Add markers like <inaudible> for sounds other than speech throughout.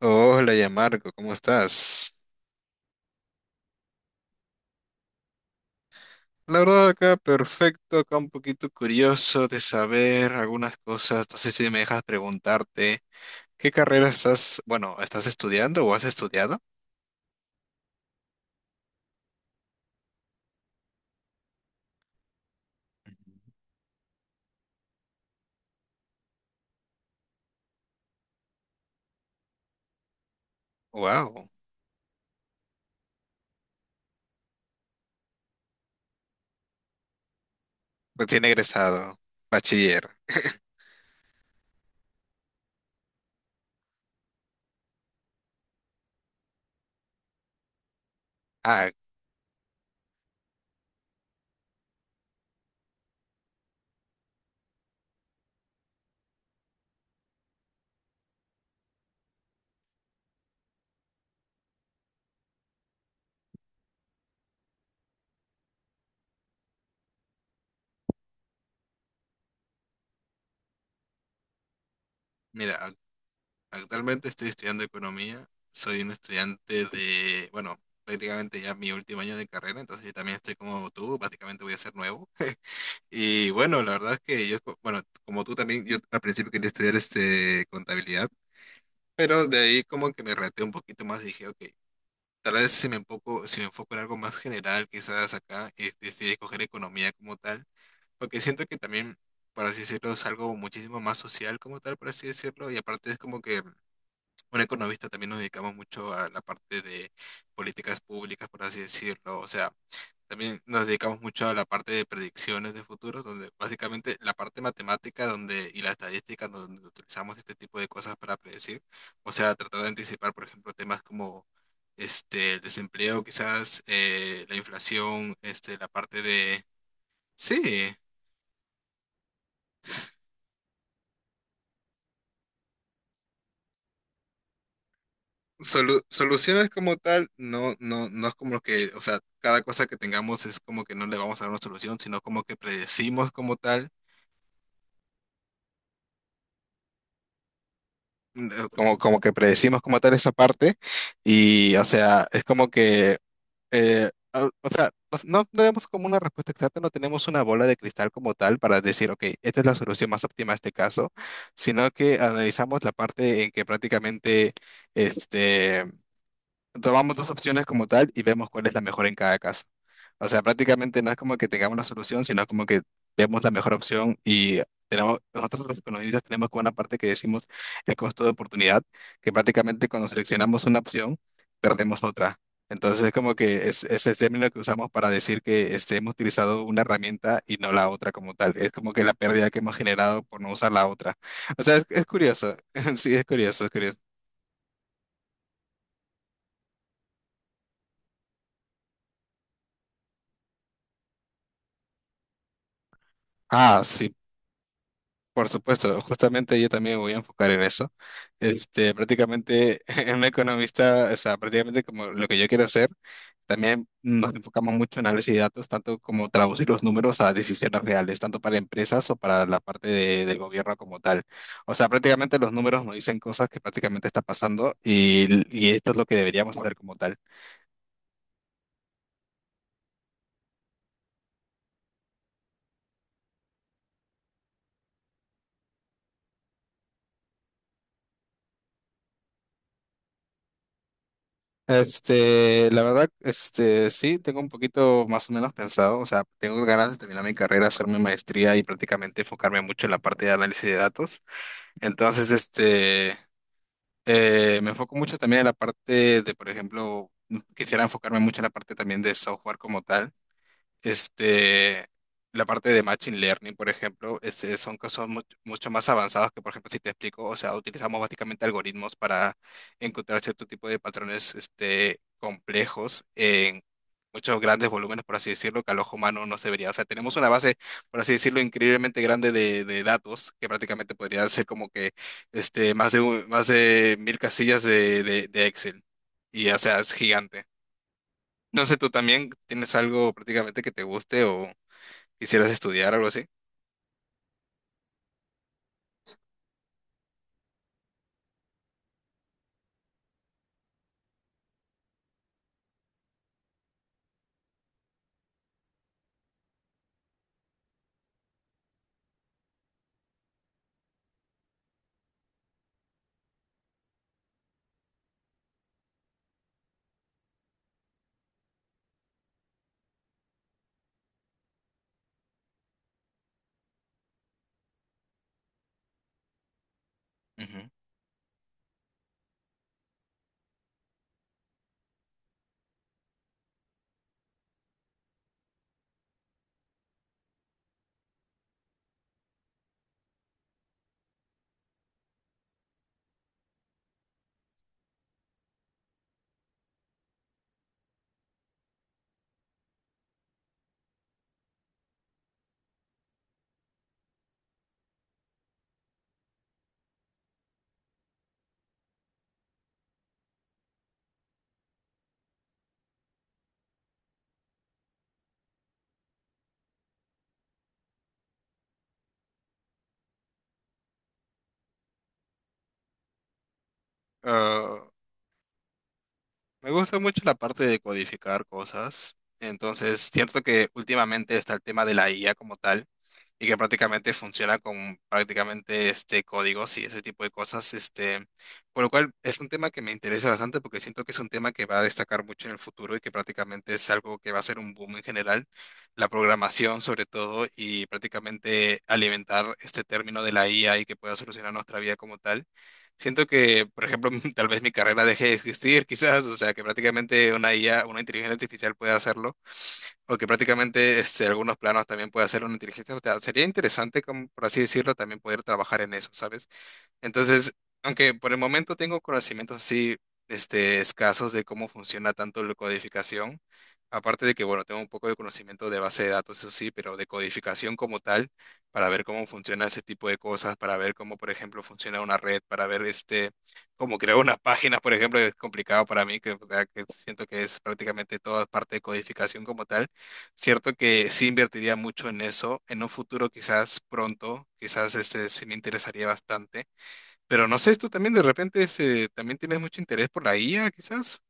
Hola, ya Marco, ¿cómo estás? La verdad acá perfecto, acá un poquito curioso de saber algunas cosas. No sé si me dejas preguntarte, ¿qué carrera estás, bueno, estás estudiando o has estudiado? Wow, recién egresado, bachiller. Ah, mira, actualmente estoy estudiando economía. Soy un estudiante de, bueno, prácticamente ya mi último año de carrera, entonces yo también estoy como tú, básicamente voy a ser nuevo. Y bueno, la verdad es que yo, bueno, como tú también, yo al principio quería estudiar este contabilidad, pero de ahí como que me reté un poquito más y dije, ok, tal vez si me enfoco, si me enfoco en algo más general, quizás acá, y decidí escoger economía como tal, porque siento que también, por así decirlo, es algo muchísimo más social como tal, por así decirlo, y aparte es como que un economista también nos dedicamos mucho a la parte de políticas públicas, por así decirlo, o sea... También nos dedicamos mucho a la parte de predicciones de futuro, donde básicamente la parte matemática donde, y la estadística donde utilizamos este tipo de cosas para predecir. O sea, tratar de anticipar, por ejemplo, temas como este, el desempleo, quizás la inflación, este, la parte de... Sí, soluciones como tal, no, no, no es como que, o sea, cada cosa que tengamos es como que no le vamos a dar una solución, sino como que predecimos como tal eh, como, como que predecimos como tal esa parte y, o sea, es como que, o sea, no tenemos como una respuesta exacta, no tenemos una bola de cristal como tal para decir, ok, esta es la solución más óptima a este caso, sino que analizamos la parte en que prácticamente, este tomamos dos opciones como tal y vemos cuál es la mejor en cada caso. O sea, prácticamente no es como que tengamos la solución, sino como que vemos la mejor opción y tenemos, nosotros los economistas tenemos como una parte que decimos el costo de oportunidad, que prácticamente cuando seleccionamos una opción, perdemos otra. Entonces es como que es el término que usamos para decir que este, hemos utilizado una herramienta y no la otra como tal. Es como que la pérdida que hemos generado por no usar la otra. O sea, es curioso. <laughs> Sí, es curioso, es curioso. Ah, sí. Por supuesto, justamente yo también me voy a enfocar en eso. Este, prácticamente <laughs> en un economista, o sea, prácticamente como lo que yo quiero hacer, también nos enfocamos mucho en análisis de datos, tanto como traducir los números a decisiones reales, tanto para empresas o para la del gobierno como tal. O sea, prácticamente los números nos dicen cosas que prácticamente está pasando y esto es lo que deberíamos hacer como tal. Este, la verdad, este, sí, tengo un poquito más o menos pensado, o sea, tengo ganas de terminar mi carrera, hacer mi maestría y prácticamente enfocarme mucho en la parte de análisis de datos. Entonces, este, me enfoco mucho también en la parte de, por ejemplo, quisiera enfocarme mucho en la parte también de software como tal. Este, la parte de Machine Learning, por ejemplo, este, son cosas mucho más avanzadas que, por ejemplo, si te explico, o sea, utilizamos básicamente algoritmos para encontrar cierto tipo de patrones este, complejos en muchos grandes volúmenes, por así decirlo, que al ojo humano no se vería. O sea, tenemos una base, por así decirlo, increíblemente grande de datos, que prácticamente podría ser como que este, más de, más de mil casillas de, de Excel. Y, o sea, es gigante. No sé, ¿tú también tienes algo prácticamente que te guste o...? Quisieras estudiar, algo así. Ujú. Ah, me gusta mucho la parte de codificar cosas. Entonces, cierto que últimamente está el tema de la IA como tal y que prácticamente funciona con prácticamente este códigos y ese tipo de cosas, este, por lo cual es un tema que me interesa bastante porque siento que es un tema que va a destacar mucho en el futuro y que prácticamente es algo que va a ser un boom en general, la programación sobre todo y prácticamente alimentar este término de la IA y que pueda solucionar nuestra vida como tal. Siento que, por ejemplo, <laughs> tal vez mi carrera deje de existir, quizás, o sea, que prácticamente una IA, una inteligencia artificial puede hacerlo, o que prácticamente este, algunos planos también puede hacer una inteligencia. O sea, sería interesante, como, por así decirlo, también poder trabajar en eso, ¿sabes? Entonces, aunque por el momento tengo conocimientos así, este, escasos de cómo funciona tanto la codificación, aparte de que, bueno, tengo un poco de conocimiento de base de datos, eso sí, pero de codificación como tal, para ver cómo funciona ese tipo de cosas, para ver cómo, por ejemplo, funciona una red, para ver este, cómo crear una página, por ejemplo, es complicado para mí, que, o sea, que siento que es prácticamente toda parte de codificación como tal. Cierto que sí invertiría mucho en eso, en un futuro quizás pronto, quizás este sí me interesaría bastante pero no sé, tú también de repente también tienes mucho interés por la IA, quizás.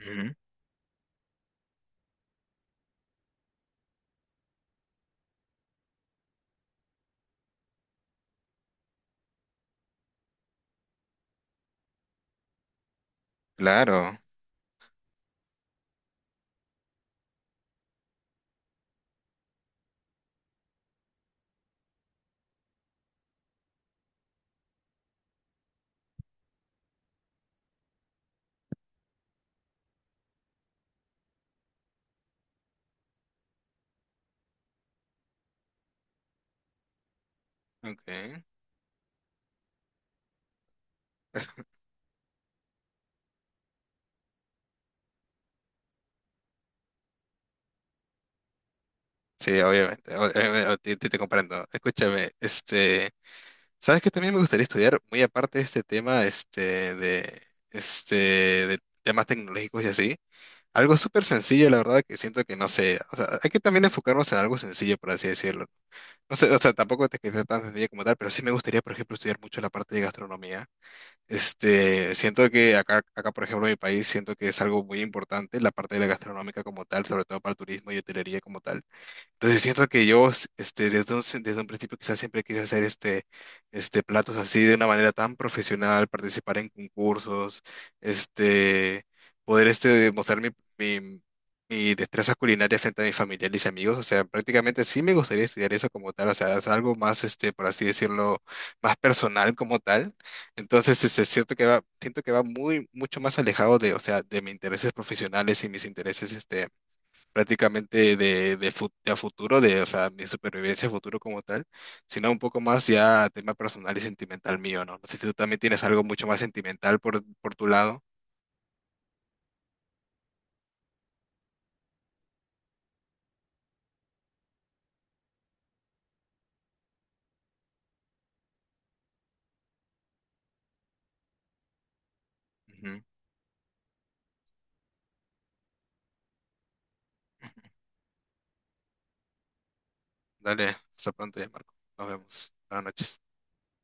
Ujú. Claro. Okay. Sí, obviamente. Te comprendo. Escúchame, este, ¿sabes qué también me gustaría estudiar? Muy aparte de este tema, este, de temas tecnológicos y así. Algo súper sencillo, la verdad, que siento que no sé. O sea, hay que también enfocarnos en algo sencillo, por así decirlo. No sé, o sea, tampoco te quedes tan sencillo como tal, pero sí me gustaría, por ejemplo, estudiar mucho la parte de gastronomía. Este, siento que acá, acá, por ejemplo, en mi país, siento que es algo muy importante la parte de la gastronómica como tal, sobre todo para el turismo y hotelería como tal. Entonces siento que yo, este, desde un, desde un principio quizás siempre quise hacer este, este, platos así de una manera tan profesional, participar en concursos, este, poder este, demostrar mi, mi destreza culinaria frente a mis familiares y amigos. O sea, prácticamente sí me gustaría estudiar eso como tal, o sea, es algo más, este, por así decirlo, más personal como tal. Entonces, este, siento que va muy, mucho más alejado de, o sea, de mis intereses profesionales y mis intereses, este, prácticamente de, de a futuro, de, o sea, mi supervivencia a futuro como tal, sino un poco más ya tema personal y sentimental mío, ¿no? No sé si tú también tienes algo mucho más sentimental por tu lado. Ujú. Dale, hasta pronto ya, Marco. Nos vemos. Buenas noches.